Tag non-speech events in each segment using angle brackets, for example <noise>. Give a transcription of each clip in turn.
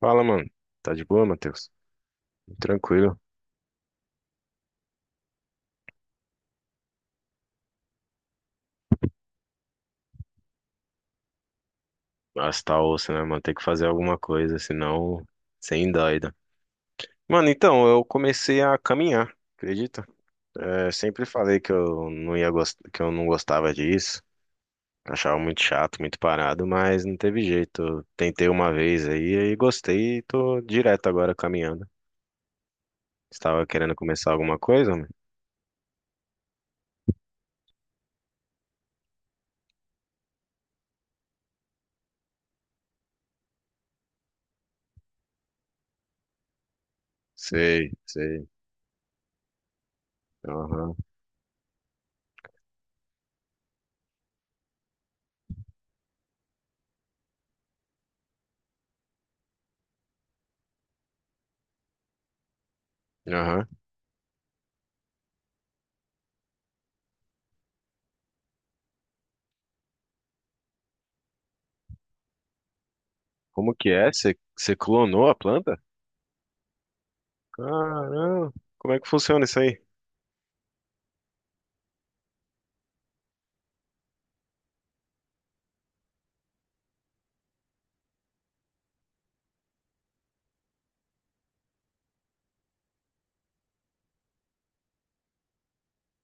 Fala, mano. Tá de boa, Matheus? Tranquilo. Mas tá osso, né, mano? Tem que fazer alguma coisa, senão, sem doida. Mano, então, eu comecei a caminhar, acredita? É, sempre falei que eu não ia que eu não gostava disso. Achava muito chato, muito parado, mas não teve jeito. Eu tentei uma vez aí e gostei e tô direto agora caminhando. Você tava querendo começar alguma coisa, mano? Sei, sei. Aham, aham. Como que é? Você clonou a planta? Caramba, como é que funciona isso aí?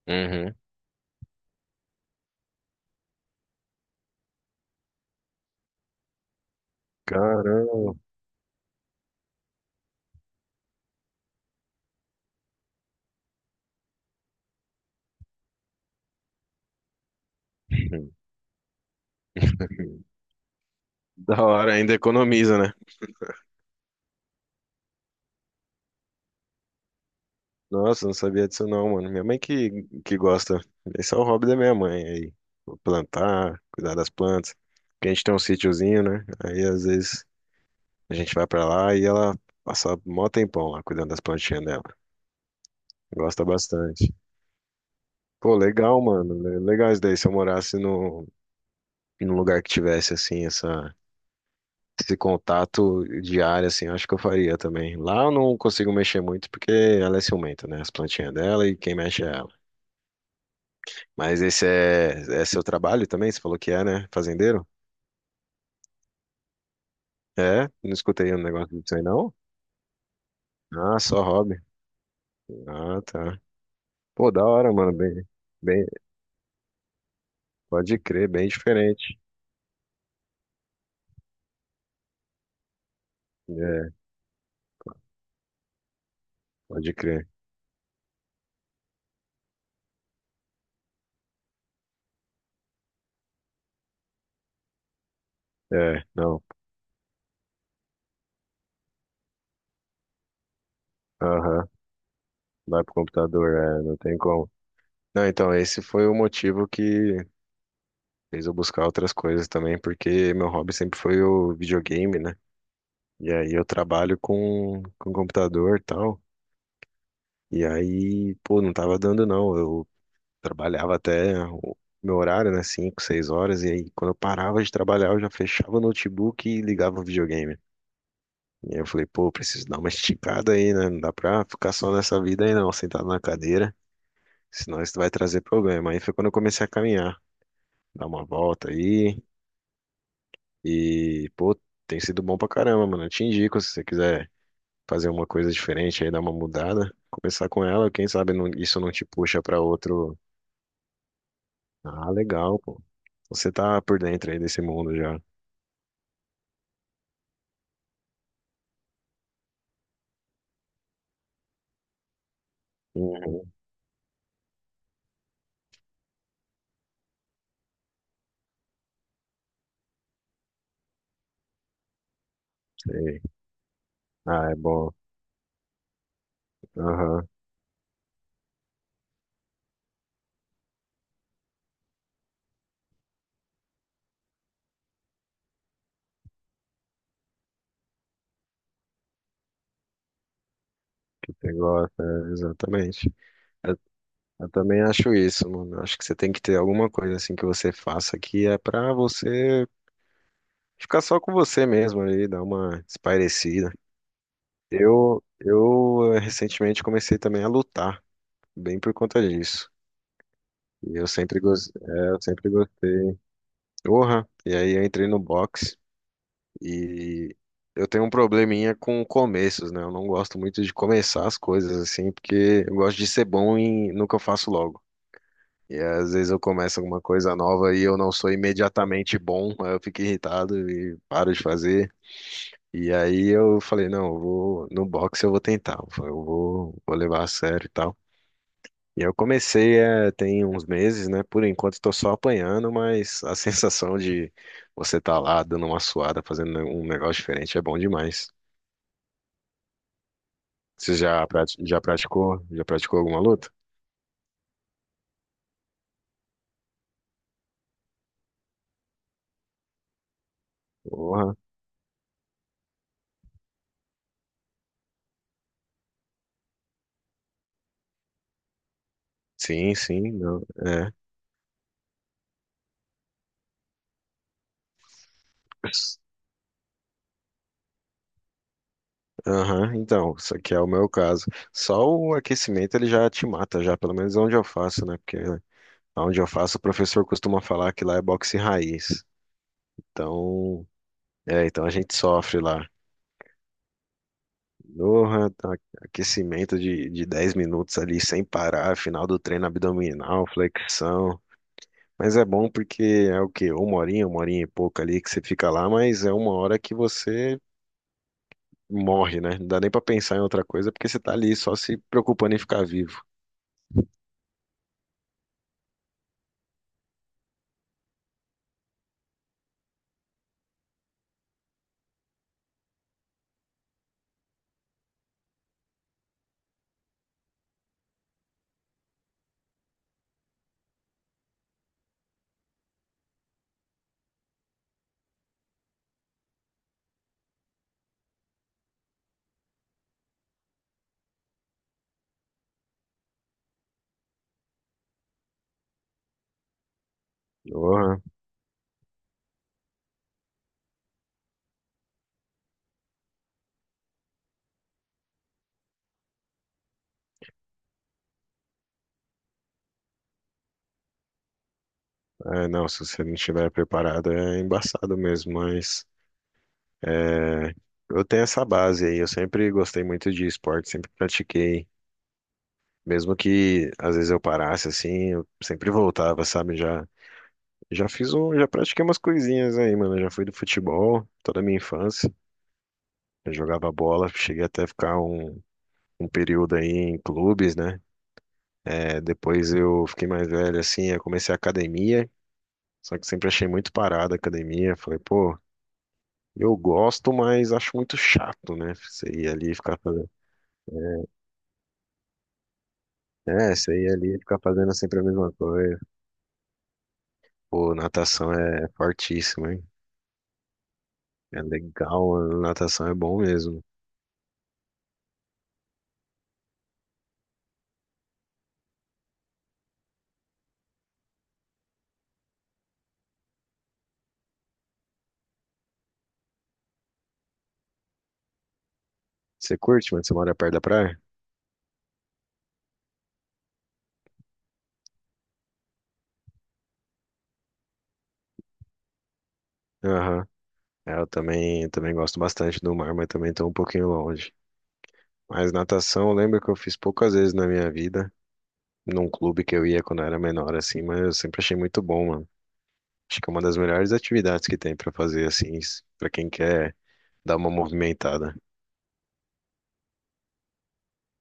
Uhum. Caramba, <laughs> da hora, ainda economiza, né? Nossa, não sabia disso não, mano. Minha mãe que gosta. Esse é o hobby da minha mãe aí. Plantar, cuidar das plantas. Porque a gente tem um sítiozinho, né? Aí às vezes a gente vai pra lá e ela passa mó tempão lá cuidando das plantinhas dela. Gosta bastante. Pô, legal, mano. Legal isso daí. Se eu morasse no, num lugar que tivesse assim, essa. Esse contato diário, assim, eu acho que eu faria também. Lá eu não consigo mexer muito porque ela é ciumenta, né? As plantinhas dela e quem mexe é ela. Mas é seu trabalho também? Você falou que é, né? Fazendeiro? É? Não escutei um negócio disso aí, não? Ah, só hobby. Ah, tá. Pô, da hora, mano. Bem, bem, pode crer, bem diferente. É, pode crer. É, não. Aham. Vai pro computador, é, não tem como. Não, então, esse foi o motivo que fez eu buscar outras coisas também, porque meu hobby sempre foi o videogame, né? E aí eu trabalho com computador e tal. E aí, pô, não tava dando não. Eu trabalhava até o meu horário, né? 5, 6 horas. E aí, quando eu parava de trabalhar, eu já fechava o notebook e ligava o videogame. E aí eu falei, pô, preciso dar uma <laughs> esticada aí, né? Não dá pra ficar só nessa vida aí não, sentado na cadeira. Senão isso vai trazer problema. Aí foi quando eu comecei a caminhar. Dar uma volta aí. E, pô, tem sido bom pra caramba, mano. Eu te indico, se você quiser fazer uma coisa diferente aí, dar uma mudada, começar com ela, quem sabe não, isso não te puxa pra outro. Ah, legal, pô. Você tá por dentro aí desse mundo já. Uhum, sei. Ah, é bom. Aham, você gosta, é, exatamente. Eu, eu também acho isso, mano. Eu acho que você tem que ter alguma coisa assim que você faça que é pra você ficar só com você mesmo ali, dar uma espairecida. Eu recentemente comecei também a lutar, bem por conta disso. E eu sempre, é, eu sempre gostei. Porra! E aí eu entrei no boxe e eu tenho um probleminha com começos, né? Eu não gosto muito de começar as coisas assim, porque eu gosto de ser bom em... no que eu faço logo. E às vezes eu começo alguma coisa nova e eu não sou imediatamente bom, aí eu fico irritado e paro de fazer. E aí eu falei, não, eu vou no boxe, eu vou tentar, vou levar a sério e tal. E eu comecei é, tem uns meses, né? Por enquanto estou só apanhando, mas a <laughs> sensação de você estar lá dando uma suada, fazendo um negócio diferente é bom demais. Você já, já praticou? Já praticou alguma luta? Porra. Sim, sim, não, é. Aham, então, isso aqui é o meu caso. Só o aquecimento ele já te mata, já, pelo menos onde eu faço, né? Porque onde eu faço, o professor costuma falar que lá é boxe raiz. Então, é, então a gente sofre lá. Doha, tá, aquecimento de 10 minutos ali sem parar, final do treino abdominal, flexão. Mas é bom porque é o quê? Uma horinha e pouco ali que você fica lá, mas é uma hora que você morre, né? Não dá nem pra pensar em outra coisa porque você tá ali só se preocupando em ficar vivo. Doha, é, não, se você não estiver preparado é embaçado mesmo, mas é, eu tenho essa base aí. Eu sempre gostei muito de esporte, sempre pratiquei. Mesmo que às vezes eu parasse assim, eu sempre voltava, sabe? Já fiz um, já pratiquei umas coisinhas aí, mano. Eu já fui do futebol toda a minha infância. Eu jogava bola, cheguei até ficar um período aí em clubes, né? É, depois eu fiquei mais velho assim, eu comecei a academia, só que sempre achei muito parada a academia. Falei, pô, eu gosto, mas acho muito chato, né? Você ir ali e ficar fazendo. É, você ir ali e ficar fazendo sempre a mesma coisa. Pô, natação é fortíssimo, hein? É legal, natação é bom mesmo. Você curte, mas você mora perto da praia? Aham. É, eu também gosto bastante do mar, mas também estou um pouquinho longe. Mas natação, eu lembro que eu fiz poucas vezes na minha vida, num clube que eu ia quando eu era menor, assim, mas eu sempre achei muito bom, mano. Acho que é uma das melhores atividades que tem pra fazer, assim, pra quem quer dar uma movimentada.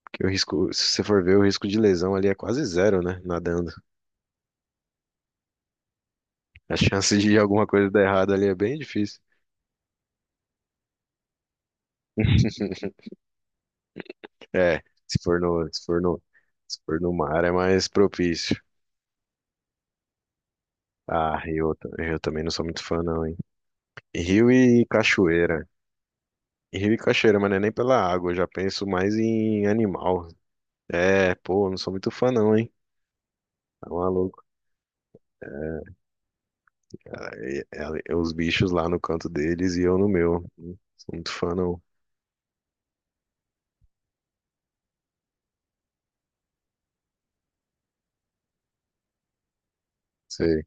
Porque o risco, se você for ver, o risco de lesão ali é quase zero, né? Nadando. A chance de alguma coisa dar errado ali é bem difícil. <laughs> É, se for no, se for no, se for no mar é mais propício. Ah, rio, eu eu também não sou muito fã não, hein. Rio e cachoeira. Rio e cachoeira, mas não é nem pela água, eu já penso mais em animal. É, pô, eu não sou muito fã não, hein. Tá maluco. É, é, é é os bichos lá no canto deles e eu no meu. Não sou muito fã não. Sei.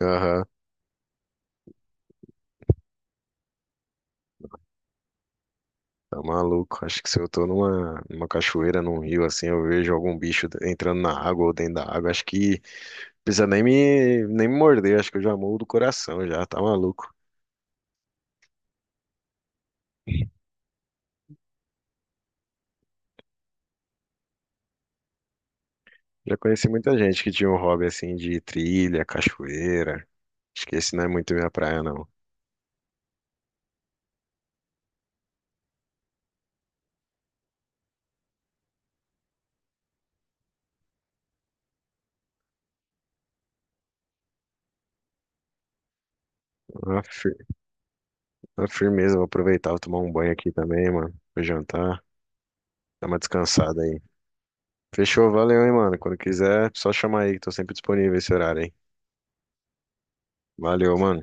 Aham. Tá maluco. Acho que se eu tô numa cachoeira, num rio assim, eu vejo algum bicho entrando na água ou dentro da água, acho que precisa nem me morder, acho que eu já morro do coração já, tá maluco. Já conheci muita gente que tinha um hobby assim de trilha, cachoeira. Acho que esse não é muito minha praia, não. Uma fir- uma firmeza, vou aproveitar, vou tomar um banho aqui também, mano. Vou jantar, dar uma descansada aí. Fechou, valeu, hein, mano. Quando quiser, só chamar aí, que tô sempre disponível esse horário, hein. Valeu, mano.